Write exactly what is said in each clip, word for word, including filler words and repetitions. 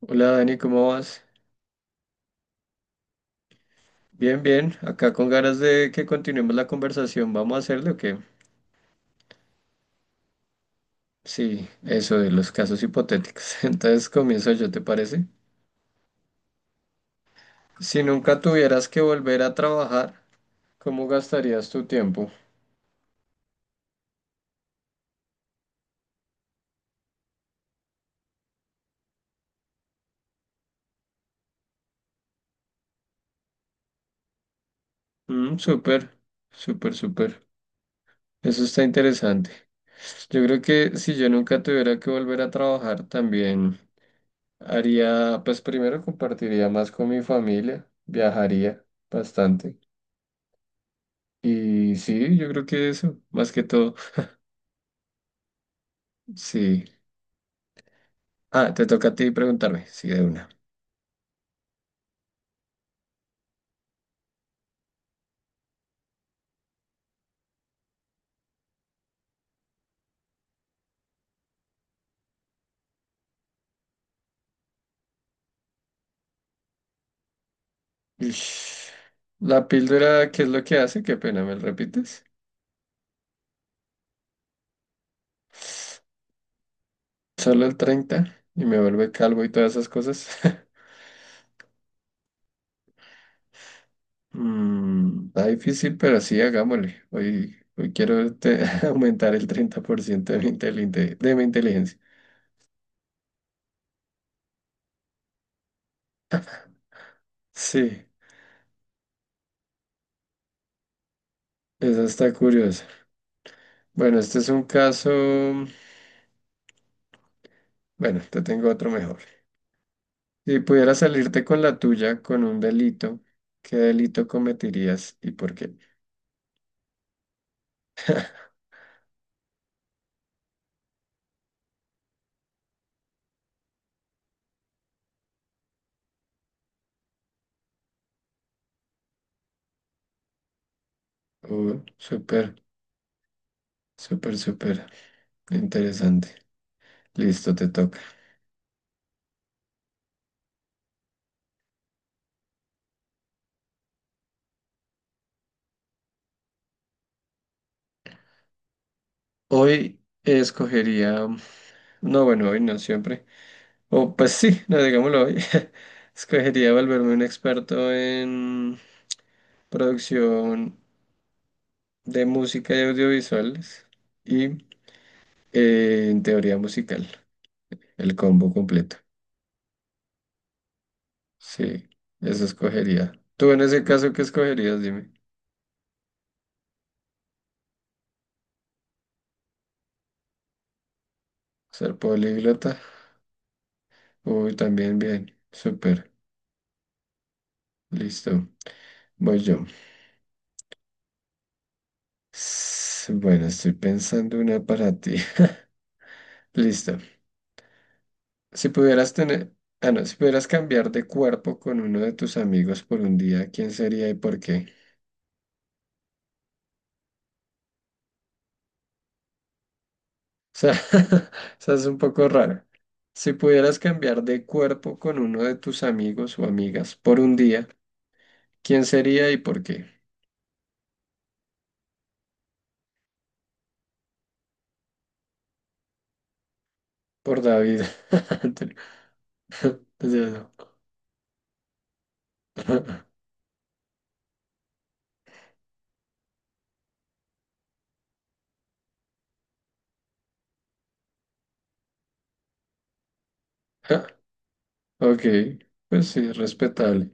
Hola Dani, ¿cómo vas? Bien, bien. Acá con ganas de que continuemos la conversación. ¿Vamos a hacerlo o qué? Sí, eso de los casos hipotéticos. Entonces comienzo yo, ¿te parece? Si nunca tuvieras que volver a trabajar, ¿cómo gastarías tu tiempo? Mm, súper, súper, súper. Eso está interesante. Yo creo que si yo nunca tuviera que volver a trabajar, también haría, pues primero compartiría más con mi familia, viajaría bastante. Y sí, yo creo que eso, más que todo, sí. Ah, te toca a ti preguntarme, sí, de una. Ish. La píldora, ¿qué es lo que hace? Qué pena, ¿me lo repites? Solo el treinta y me vuelve calvo y todas esas cosas. Mm, está difícil, pero sí, hagámosle. Hoy, hoy quiero te- aumentar el treinta por ciento de mi, intelinte- de mi inteligencia. Sí, eso está curioso. Bueno, este es un caso, bueno, te tengo otro mejor. Si pudieras salirte con la tuya con un delito, ¿qué delito cometerías y por qué? Uh, súper, súper, súper interesante. Listo, te toca. Hoy escogería, no, bueno, hoy no siempre. O pues sí, no, digámoslo hoy. Escogería volverme un experto en producción de música y audiovisuales y eh, en teoría musical, el combo completo. Sí, eso escogería. Tú en ese caso, ¿qué escogerías? Dime. Ser políglota. Uy, también bien. Súper. Listo. Voy yo. S- Bueno, estoy pensando una para ti. Listo. Si pudieras tener, ah, no, si pudieras cambiar de cuerpo con uno de tus amigos por un día, ¿quién sería y por qué? O sea, o sea, es un poco raro. Si pudieras cambiar de cuerpo con uno de tus amigos o amigas por un día, ¿quién sería y por qué? Por David. Desde luego. Ok, pues sí, respetable.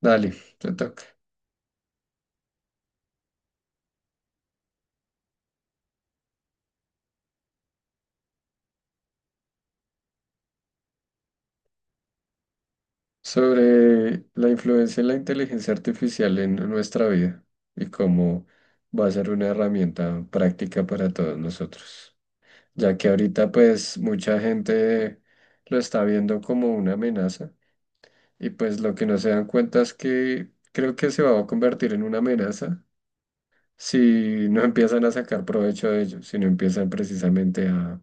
Dale, te toca. Sobre la influencia de la inteligencia artificial en nuestra vida y cómo va a ser una herramienta práctica para todos nosotros. Ya que ahorita pues mucha gente lo está viendo como una amenaza y pues lo que no se dan cuenta es que creo que se va a convertir en una amenaza si no empiezan a sacar provecho de ello, si no empiezan precisamente a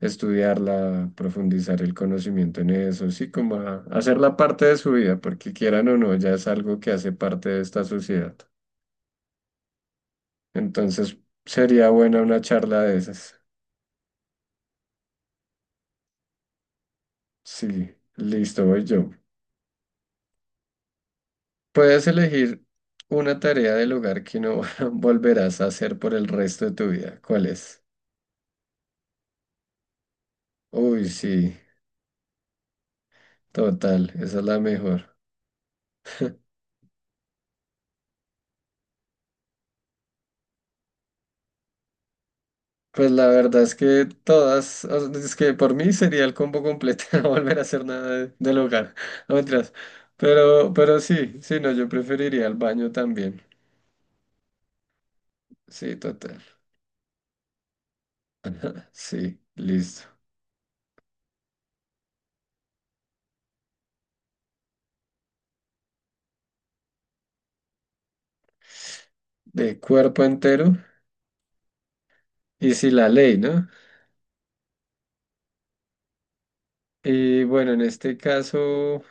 estudiarla, a profundizar el conocimiento en eso, sí, como a hacerla parte de su vida, porque quieran o no, ya es algo que hace parte de esta sociedad. Entonces, sería buena una charla de esas. Sí, listo, voy yo. Puedes elegir una tarea del hogar que no volverás a hacer por el resto de tu vida. ¿Cuál es? Uy, sí, total, esa es la mejor. Pues la verdad es que todas, o sea, es que por mí sería el combo completo, no volver a hacer nada de- del hogar, no mentiras. Pero, pero sí, sí, no, yo preferiría el baño también. Sí, total. Sí, listo. De cuerpo entero y si la ley, ¿no? Y bueno, en este caso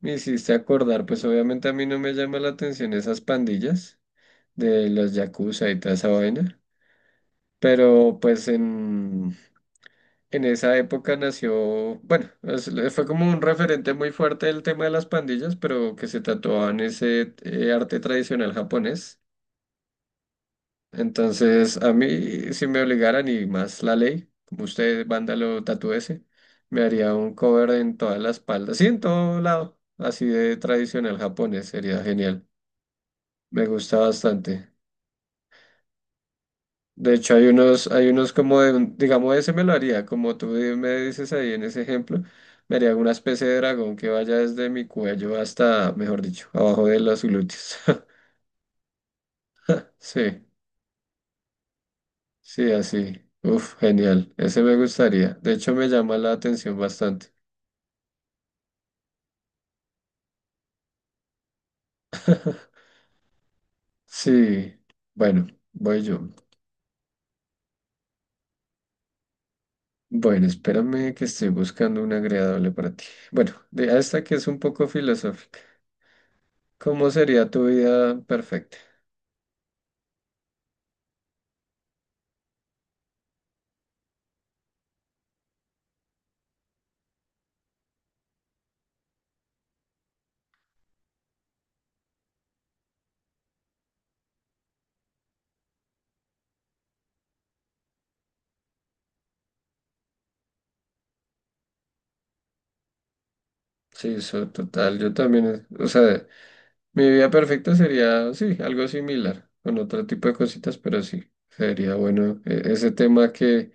me hiciste acordar, pues obviamente a mí no me llama la atención esas pandillas de los yakuza y toda esa vaina, pero pues en... En esa época nació, bueno, es- fue como un referente muy fuerte el tema de las pandillas, pero que se tatuaban ese eh, arte tradicional japonés. Entonces, a mí, si me obligaran y más la ley, como usted, vándalo, tatúese, me haría un cover en toda la espalda, sí, en todo lado, así de tradicional japonés, sería genial. Me gusta bastante. De hecho, hay unos, hay unos como de, un- digamos, ese me lo haría, como tú di- me dices ahí en ese ejemplo, me haría una especie de dragón que vaya desde mi cuello hasta, mejor dicho, abajo de los glúteos. Sí, sí, así. Uf, genial. Ese me gustaría. De hecho, me llama la atención bastante. Sí, bueno, voy yo. Bueno, espérame que estoy buscando una agradable para ti. Bueno, de esta que es un poco filosófica. ¿Cómo sería tu vida perfecta? Sí, eso, total. Yo también, es- o sea, mi vida perfecta sería, sí, algo similar, con otro tipo de cositas, pero sí, sería bueno e- ese tema que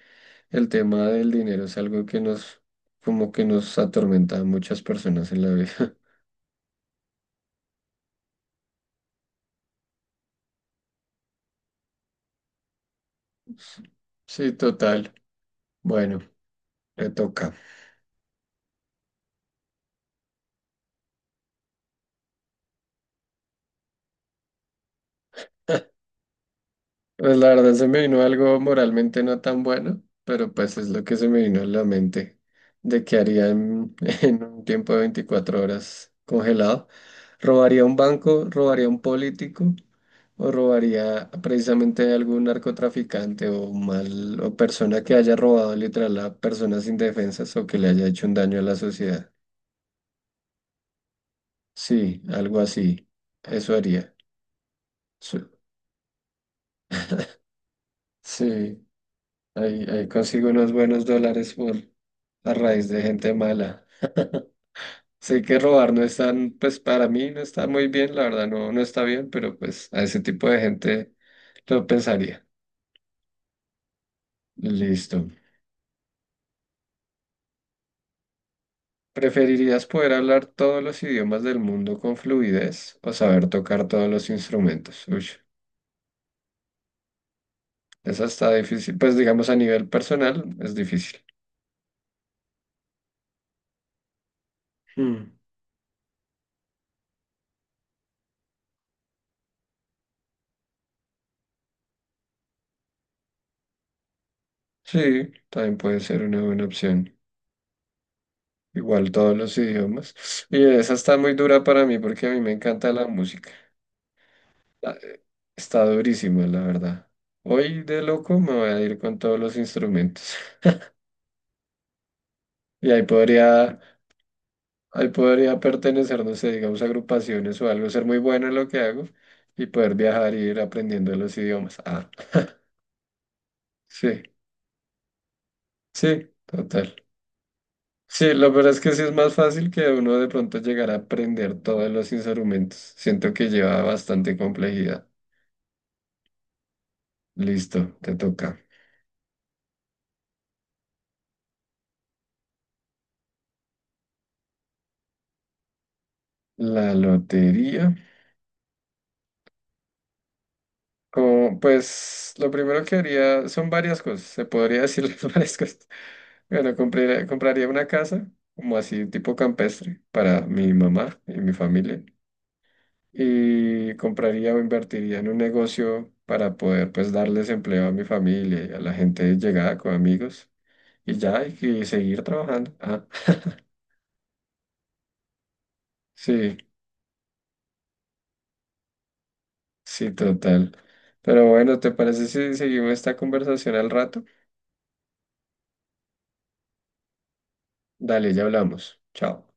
el tema del dinero es algo que nos, como que nos atormenta a muchas personas en la vida. Sí, total. Bueno, le toca. Pues la verdad se me vino algo moralmente no tan bueno, pero pues es lo que se me vino a la mente de que haría en, en un tiempo de veinticuatro horas congelado. ¿Robaría un banco? ¿Robaría un político? ¿O robaría precisamente algún narcotraficante o mal o persona que haya robado literal a personas indefensas o que le haya hecho un daño a la sociedad? Sí, algo así. Eso haría. Su- Sí. Ahí, ahí consigo unos buenos dólares por a raíz de gente mala. Sé que robar no es tan, pues para mí no está muy bien, la verdad no, no está bien, pero pues a ese tipo de gente lo pensaría. Listo. ¿Preferirías poder hablar todos los idiomas del mundo con fluidez o saber tocar todos los instrumentos? Uy, esa está difícil. Pues digamos a nivel personal es difícil. Mm. Sí, también puede ser una buena opción. Igual todos los idiomas. Y esa está muy dura para mí porque a mí me encanta la música. La- Está durísima, la verdad. Hoy de loco me voy a ir con todos los instrumentos. Y ahí podría, ahí podría pertenecer, no sé, digamos, a agrupaciones o algo, ser muy bueno en lo que hago y poder viajar y ir aprendiendo los idiomas. Ah, sí, sí, total. Sí, lo verdad es que sí es más fácil que uno de pronto llegar a aprender todos los instrumentos. Siento que lleva bastante complejidad. Listo, te toca. La lotería. Como, pues lo primero que haría son varias cosas, se podría decir las varias cosas. Bueno, compraría compraría una casa, como así tipo campestre, para mi mamá y mi familia. Y compraría o invertiría en un negocio para poder pues darles empleo a mi familia y a la gente llegada con amigos. Y ya, y, y seguir trabajando. Ah, sí, sí, total. Pero bueno, ¿te parece si seguimos esta conversación al rato? Dale, ya hablamos. Chao.